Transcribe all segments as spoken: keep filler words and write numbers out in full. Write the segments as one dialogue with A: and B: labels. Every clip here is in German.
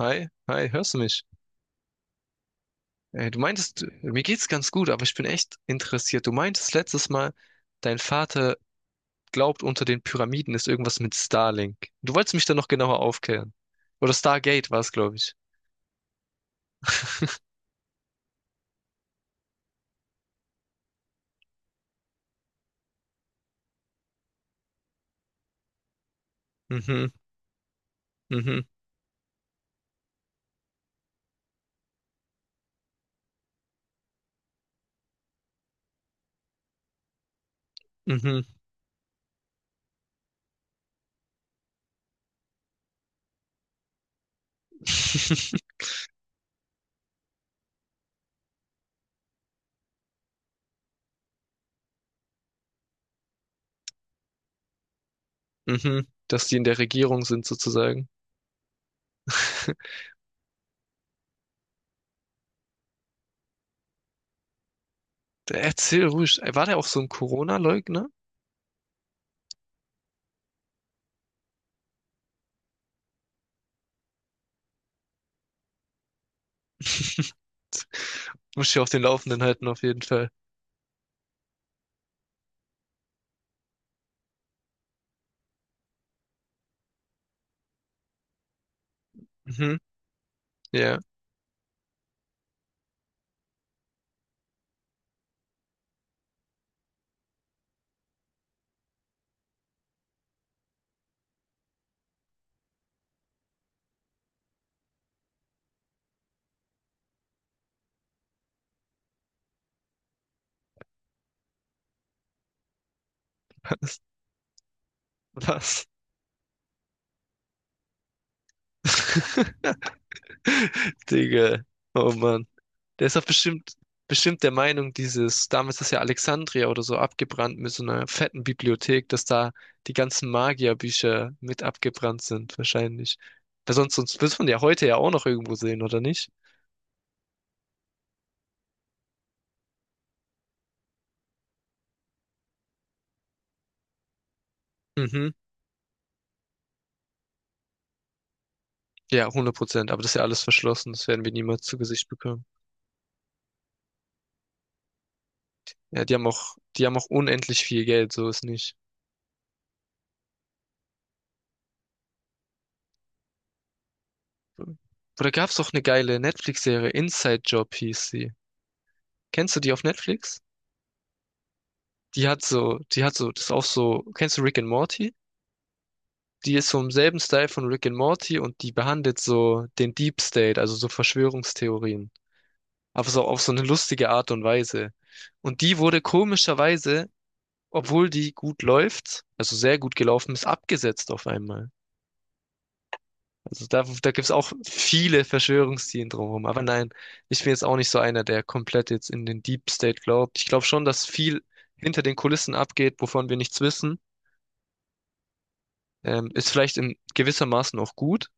A: Hi, hi, hörst du mich? Äh, du meintest, mir geht's ganz gut, aber ich bin echt interessiert. Du meintest letztes Mal, dein Vater glaubt, unter den Pyramiden ist irgendwas mit Starlink. Du wolltest mich da noch genauer aufklären. Oder Stargate war es, glaube ich. Mhm, mhm, mhm. Mhm. Dass die in der Regierung sind, sozusagen. Erzähl ruhig. Äh, War der auch so ein Corona-Leugner? Muss ich auf den Laufenden halten, auf jeden Fall. Mhm. Ja. Was? Digga. Oh Mann. Der ist doch bestimmt, bestimmt der Meinung, dieses, damals ist ja Alexandria oder so abgebrannt mit so einer fetten Bibliothek, dass da die ganzen Magierbücher mit abgebrannt sind, wahrscheinlich. Weil sonst, sonst wird man ja heute ja auch noch irgendwo sehen, oder nicht? Mhm. Ja, hundert Prozent. Aber das ist ja alles verschlossen. Das werden wir niemals zu Gesicht bekommen. Ja, die haben auch, die haben auch unendlich viel Geld, so ist nicht. Oder gab's doch eine geile Netflix-Serie, Inside Job hieß sie. Kennst du die auf Netflix? Die hat so, die hat so, das ist auch so, kennst du Rick and Morty? Die ist so im selben Style von Rick and Morty und die behandelt so den Deep State, also so Verschwörungstheorien. Aber so auf so eine lustige Art und Weise. Und die wurde komischerweise, obwohl die gut läuft, also sehr gut gelaufen ist, abgesetzt auf einmal. Also da, da gibt es auch viele Verschwörungstheorien drumherum. Aber nein, ich bin jetzt auch nicht so einer, der komplett jetzt in den Deep State glaubt. Ich glaube schon, dass viel hinter den Kulissen abgeht, wovon wir nichts wissen. Ähm, ist vielleicht in gewissermaßen auch gut,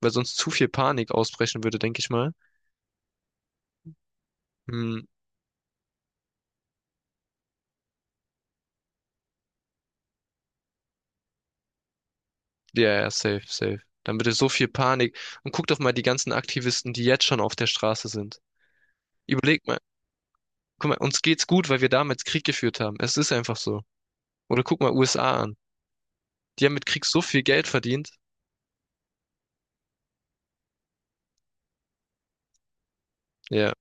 A: weil sonst zu viel Panik ausbrechen würde, denke ich mal. Hm, ja, ja, safe, safe. Dann würde so viel Panik. Und guck doch mal die ganzen Aktivisten, die jetzt schon auf der Straße sind. Überleg mal, guck mal, uns geht's gut, weil wir damals Krieg geführt haben. Es ist einfach so. Oder guck mal U S A an. Die haben mit Krieg so viel Geld verdient. Ja,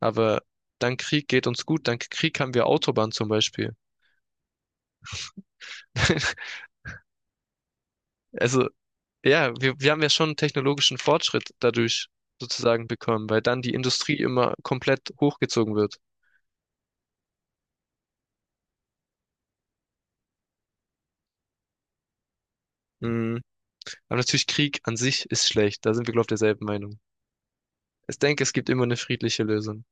A: aber dank Krieg geht uns gut. Dank Krieg haben wir Autobahn zum Beispiel. Also ja, wir, wir haben ja schon technologischen Fortschritt dadurch sozusagen bekommen, weil dann die Industrie immer komplett hochgezogen wird. Mhm. Aber natürlich Krieg an sich ist schlecht. Da sind wir, glaube ich, derselben Meinung. Ich denke, es gibt immer eine friedliche Lösung.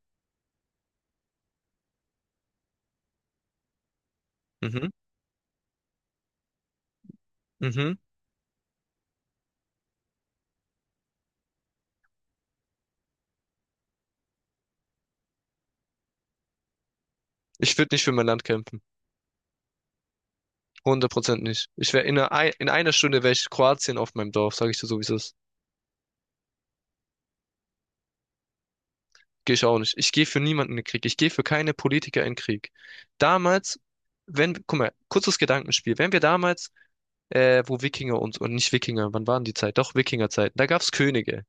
A: Mhm. Mhm. Ich würde nicht für mein Land kämpfen. Hundert Prozent nicht. Ich wäre in einer, in einer Stunde wäre ich Kroatien auf meinem Dorf, sage ich dir so, wie es ist. Gehe ich auch nicht. Ich gehe für niemanden in den Krieg. Ich gehe für keine Politiker in den Krieg. Damals, wenn, guck mal, kurzes Gedankenspiel. Wenn wir damals äh, wo Wikinger und, und nicht Wikinger, wann waren die Zeit? Doch, Wikingerzeiten. Da gab's Könige.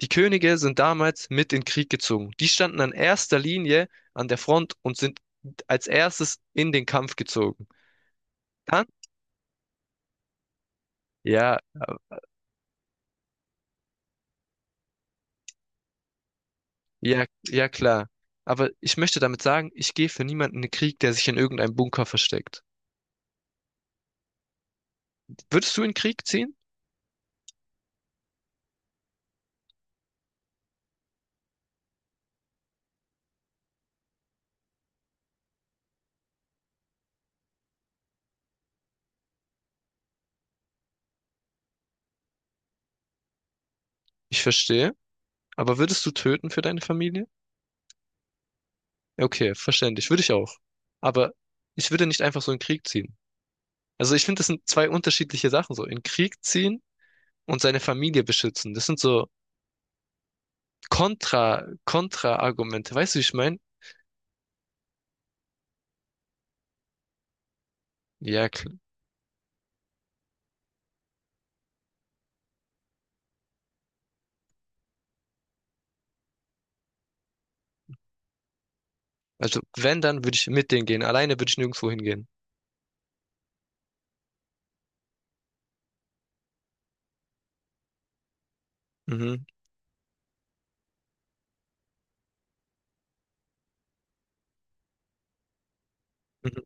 A: Die Könige sind damals mit in den Krieg gezogen. Die standen an erster Linie an der Front und sind als erstes in den Kampf gezogen. Dann? Ja, ja, ja klar. Aber ich möchte damit sagen, ich gehe für niemanden in den Krieg, der sich in irgendeinem Bunker versteckt. Würdest du in den Krieg ziehen? Ich verstehe. Aber würdest du töten für deine Familie? Ja, okay, verständlich. Würde ich auch. Aber ich würde nicht einfach so in den Krieg ziehen. Also ich finde, das sind zwei unterschiedliche Sachen, so in Krieg ziehen und seine Familie beschützen. Das sind so Kontra, Kontra-Argumente. Weißt du, wie ich meine? Ja, klar. Also wenn, dann würde ich mit denen gehen. Alleine würde ich nirgendwo hingehen. Mhm. Mhm.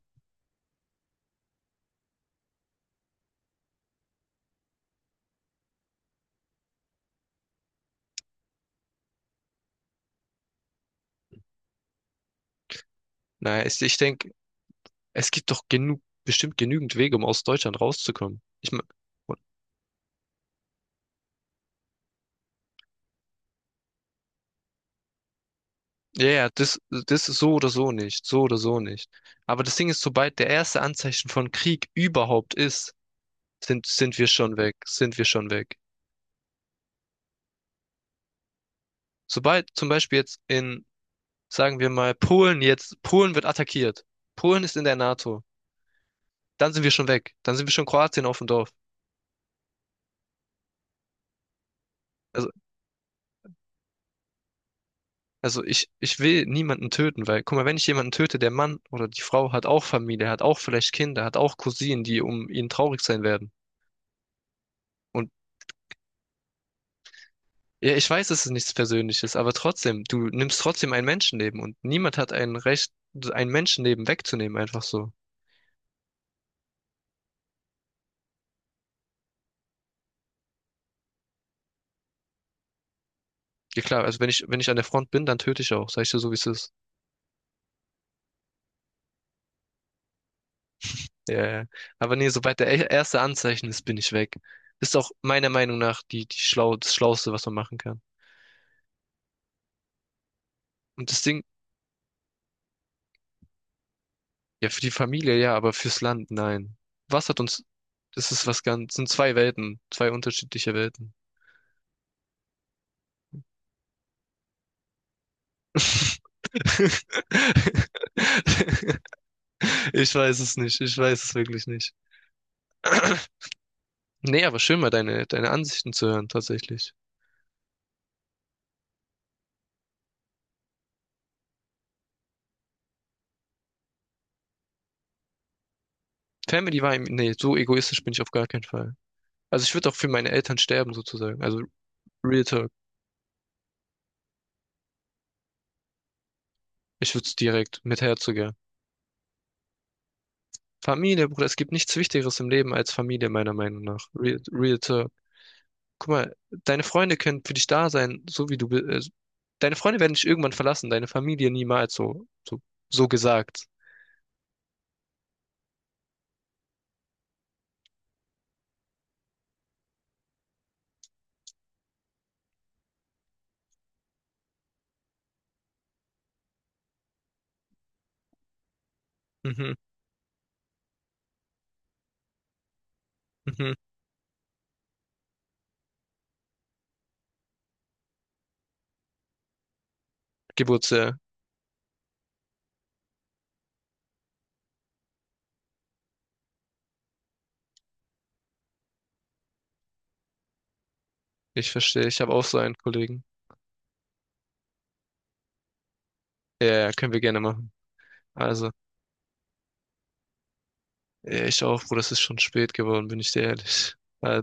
A: Naja, ich, ich denke, es gibt doch genug, bestimmt genügend Wege, um aus Deutschland rauszukommen. Ich mein, ja, ja, das, das ist so oder so nicht, so oder so nicht. Aber das Ding ist, sobald der erste Anzeichen von Krieg überhaupt ist, sind, sind wir schon weg, sind wir schon weg. Sobald zum Beispiel jetzt in sagen wir mal, Polen jetzt, Polen wird attackiert. Polen ist in der NATO. Dann sind wir schon weg. Dann sind wir schon Kroatien auf dem Dorf. Also, also ich, ich will niemanden töten, weil, guck mal, wenn ich jemanden töte, der Mann oder die Frau hat auch Familie, hat auch vielleicht Kinder, hat auch Cousinen, die um ihn traurig sein werden. Und ja, ich weiß, es ist nichts Persönliches, aber trotzdem, du nimmst trotzdem ein Menschenleben und niemand hat ein Recht, ein Menschenleben wegzunehmen, einfach so. Ja klar, also wenn ich, wenn ich an der Front bin, dann töte ich auch, sag ich dir so, wie es ist. Ja, ja. Aber nee, sobald der e- erste Anzeichen ist, bin ich weg. Ist auch meiner Meinung nach die, die schlau, das Schlauste, was man machen kann. Und das Ding, ja, für die Familie ja, aber fürs Land nein. Was hat uns, das ist was ganz, sind zwei Welten, zwei unterschiedliche Welten. Ich weiß es nicht, ich weiß es wirklich nicht. Nee, aber schön mal deine, deine Ansichten zu hören, tatsächlich. Family war, im- nee, so egoistisch bin ich auf gar keinen Fall. Also ich würde auch für meine Eltern sterben, sozusagen. Also Real Talk. Ich würde es direkt mit Herzogern. Familie, Bruder, es gibt nichts Wichtigeres im Leben als Familie, meiner Meinung nach. Real, real talk. Guck mal, deine Freunde können für dich da sein, so wie du bist. Äh, deine Freunde werden dich irgendwann verlassen, deine Familie niemals, so, so, so gesagt. Mhm, mhm. Geburtsjahr. Ich verstehe, ich habe auch so einen Kollegen. Ja, ja, können wir gerne machen. Also, ja, ich auch, Bruder, es ist schon spät geworden, bin ich dir ehrlich. Äh,